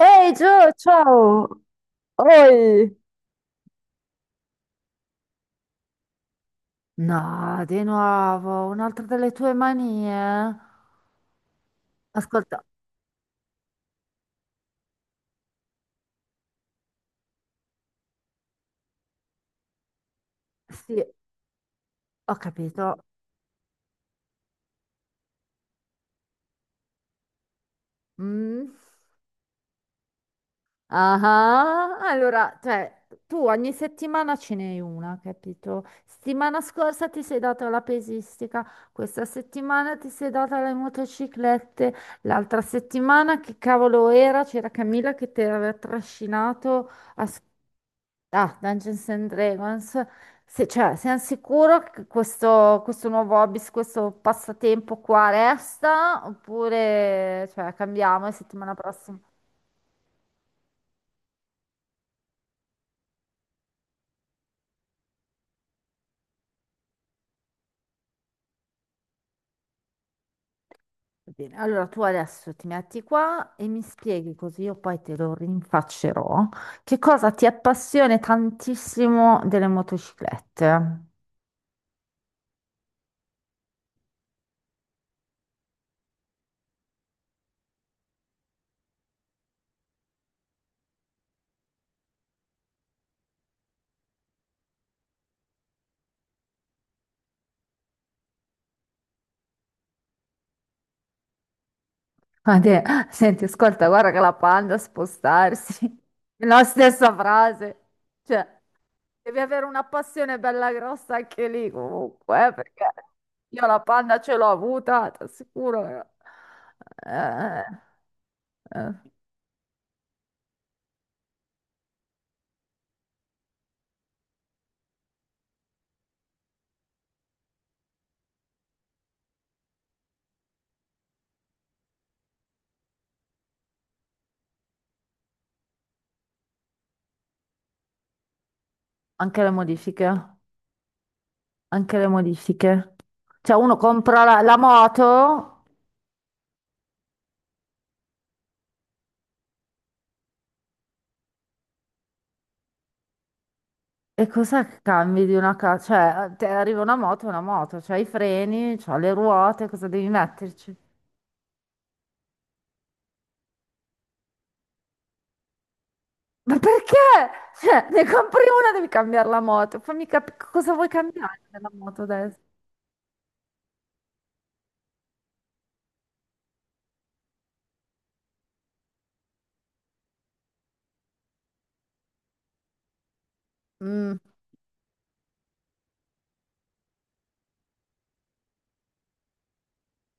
Ehi Gio, ciao! Oi! No, di nuovo, un'altra delle tue manie? Ascolta, sì, ho capito. Mm. Ah, allora, cioè, tu ogni settimana ce n'hai una, capito? Settimana scorsa ti sei data la pesistica, questa settimana ti sei data le motociclette, l'altra settimana che cavolo era? C'era Camilla che ti aveva trascinato a... Ah, Dungeons and Dragons, se, cioè, sei sicuro che questo, nuovo hobby, questo passatempo qua resta? Oppure, cioè, cambiamo e settimana prossima? Va bene, allora tu adesso ti metti qua e mi spieghi così io poi te lo rinfaccerò. Che cosa ti appassiona tantissimo delle motociclette? Ma te, senti, ascolta, guarda che la panda a spostarsi. La stessa frase. Cioè, devi avere una passione bella grossa anche lì, comunque, perché io la panda ce l'ho avuta, ti assicuro. Eh, eh. Anche le modifiche, anche le modifiche. Cioè, uno compra la, moto e cosa cambi di una casa? Cioè, te arriva una moto, è una moto, c'hai i freni, c'ha le ruote, cosa devi metterci? Ma perché? Cioè, ne compri una, devi cambiare la moto. Fammi capire cosa vuoi cambiare della moto adesso. Mm,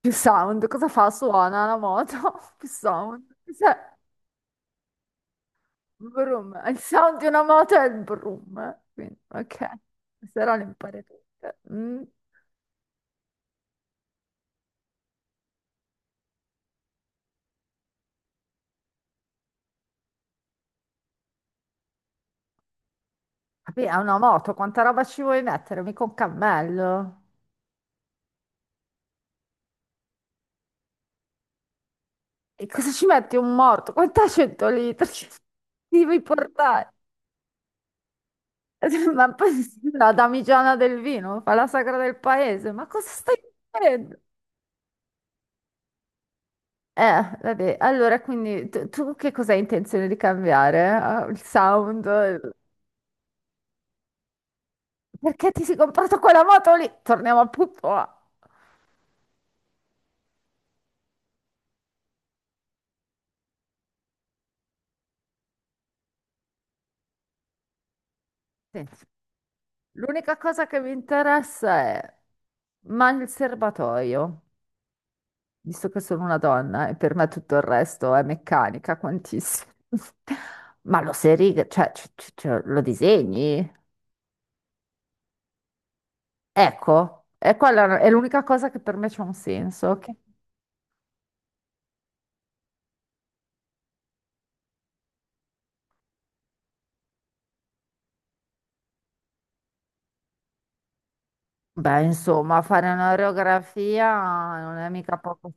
più sound, cosa fa? Suona la moto, più sound. Cioè, vroom. Il sound di una moto è il vroom. Quindi, ok, se no le impari tutte. Mm. Vabbè, è una moto, quanta roba ci vuoi mettere? Mica un cammello. E cosa ci metti, un morto? Quant'è 100 litri? Ci devi portare? Ma poi la damigiana del vino fa la sagra del paese, ma cosa stai dicendo? Vabbè, allora quindi tu, che cosa hai intenzione di cambiare? Ah, il sound? Il- perché ti sei comprato quella moto lì? Torniamo al punto A. Senti, l'unica cosa che mi interessa è, ma il serbatoio, visto che sono una donna e per me tutto il resto è meccanica, quantissimo. Ma lo sei riga, cioè, cioè, lo disegni? Ecco, e quella è l'unica cosa che per me c'ha un senso. Che- beh, insomma, fare un'oreografia non è mica poco.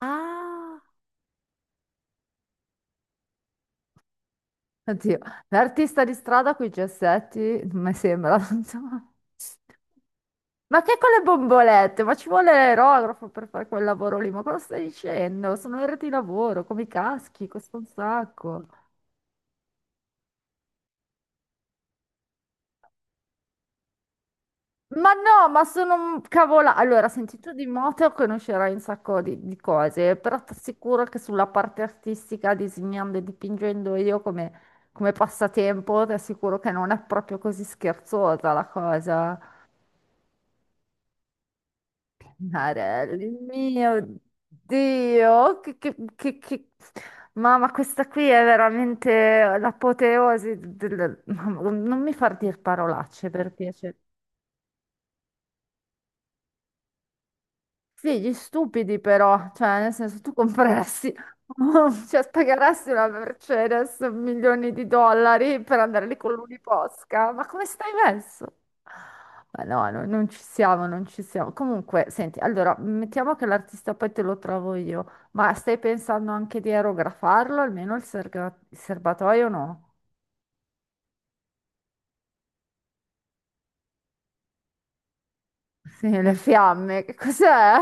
Ah, oddio, l'artista di strada con i gessetti, non mi sembra. Ma che, con le bombolette? Ma ci vuole l'aerografo per fare quel lavoro lì? Ma cosa stai dicendo? Sono ore di lavoro, come i caschi, costa un sacco. Ma no, ma sono cavola. Allora, senti, tu di moto conoscerai un sacco di, cose, però ti assicuro che sulla parte artistica, disegnando e dipingendo io come, come passatempo, ti assicuro che non è proprio così scherzosa la cosa. Marelli, mio Dio, che... Mamma, questa qui è veramente l'apoteosi del... Mamma, non mi far dire parolacce, per piacere. Sì, gli stupidi però, cioè nel senso tu compreresti, cioè pagheresti una Mercedes milioni di dollari per andare lì con l'Uniposca, ma come stai messo? Ma no, no, non ci siamo, non ci siamo. Comunque, senti, allora, mettiamo che l'artista poi te lo trovo io, ma stai pensando anche di aerografarlo, almeno il, serga- il serbatoio no? Sì, le fiamme, che cos'è?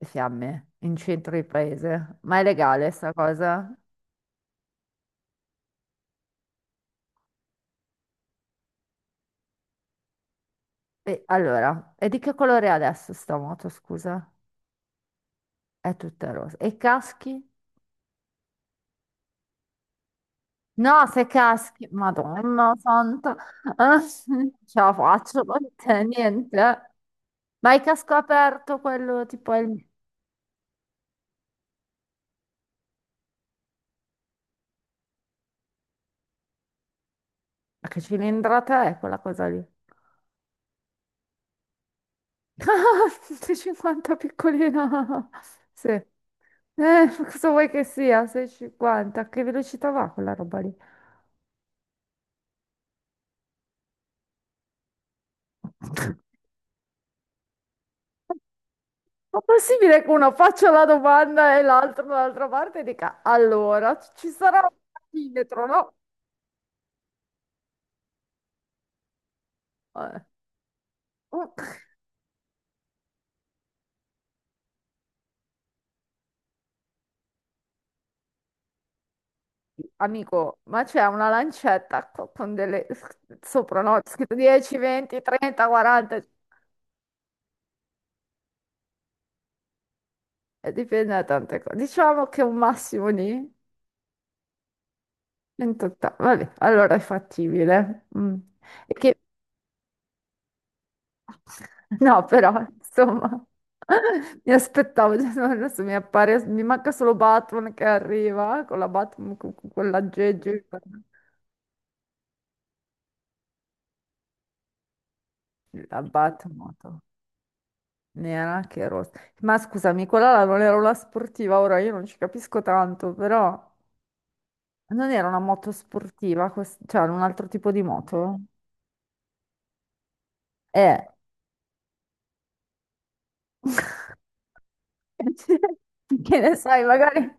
Le fiamme in centro di paese, ma è legale sta cosa? E allora, e di che colore è adesso sta moto, scusa? È tutta rosa. E i caschi? No, se caschi, Madonna santa, ah, non ce la faccio con te, niente. Ma il casco aperto, quello tipo è il... Ma che cilindrata è quella cosa lì? 650 piccolina. Sì. Cosa vuoi che sia? 650. A che velocità va quella roba lì? Ma possibile che uno faccia la domanda e l'altro dall'altra parte dica: allora ci sarà un millimetro, no? Eh, mm, amico, ma c'è una lancetta con delle sopra, no? Scritto 10, 20, 30, 40, dipende da tante cose. Diciamo che un massimo di 28. Vabbè, allora è fattibile. Mm. E che no, però, insomma, mi aspettavo, cioè, no, adesso mi appare, mi manca solo Batman che arriva con la Batman, con, quell'aggeggio. La Batmoto, nera che rossa. Ma scusami, quella là non era una sportiva, ora io non ci capisco tanto, però non era una moto sportiva, quest- cioè era un altro tipo di moto? Eh. Che ne sai, magari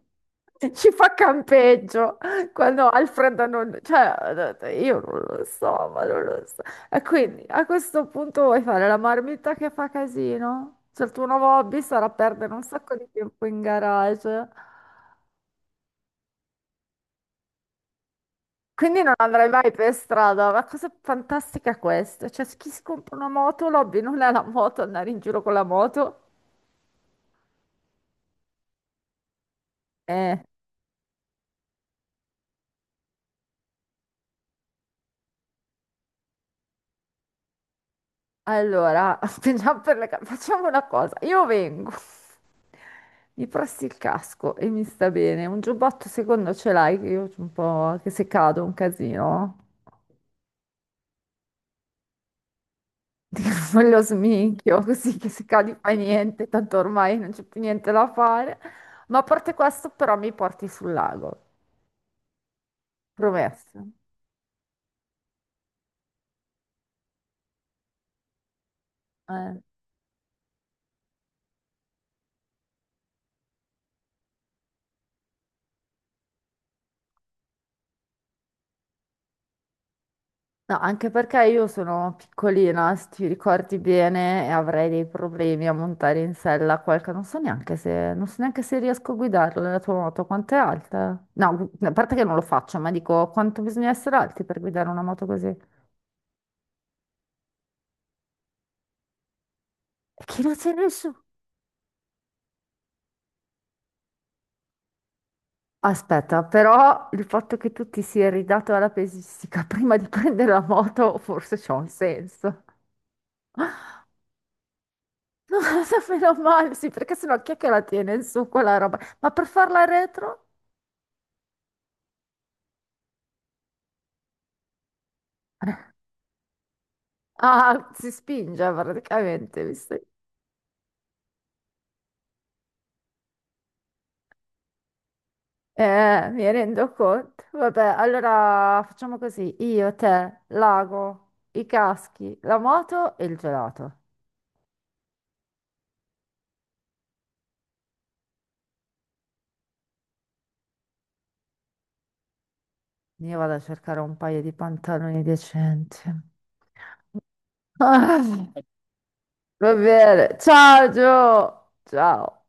ci fa campeggio quando Alfred non... Cioè, io non lo so, ma non lo so. E quindi a questo punto vuoi fare la marmitta che fa casino? Cioè, il tuo nuovo hobby sarà perdere un sacco di tempo in garage. Quindi non andrai mai per strada, ma cosa fantastica è questa? Cioè, chi si compra una moto, l'hobby non è la moto, andare in giro con la moto. Eh, allora, spingiamo per le... ca- facciamo una cosa, io vengo. Gli presti il casco e mi sta bene. Un giubbotto secondo ce l'hai, che io un po' che se cado è un casino. Me lo sminchio così che se cadi fai niente, tanto ormai non c'è più niente da fare. Ma a parte questo, però mi porti sul lago. Promesso. Eh. No, anche perché io sono piccolina, se ti ricordi bene, e avrei dei problemi a montare in sella qualche... Non so neanche se, non so neanche se riesco a guidarla la tua moto, quanto è alta? No, gu- a parte che non lo faccio, ma dico quanto bisogna essere alti per guidare una moto così. E che non c'è nessuno. Aspetta, però il fatto che tu ti sia ridato alla pesistica prima di prendere la moto forse c'ha un senso. Non lo so, meno male, sì, perché sennò chi è che la tiene in su quella roba? Ma per farla retro? Ah, si spinge praticamente, visto? Mi rendo conto. Vabbè, allora facciamo così. Io, te, l'ago, i caschi, la moto e il gelato. Io vado a cercare un paio di pantaloni decenti. Ah, va bene. Ciao, Gio. Ciao.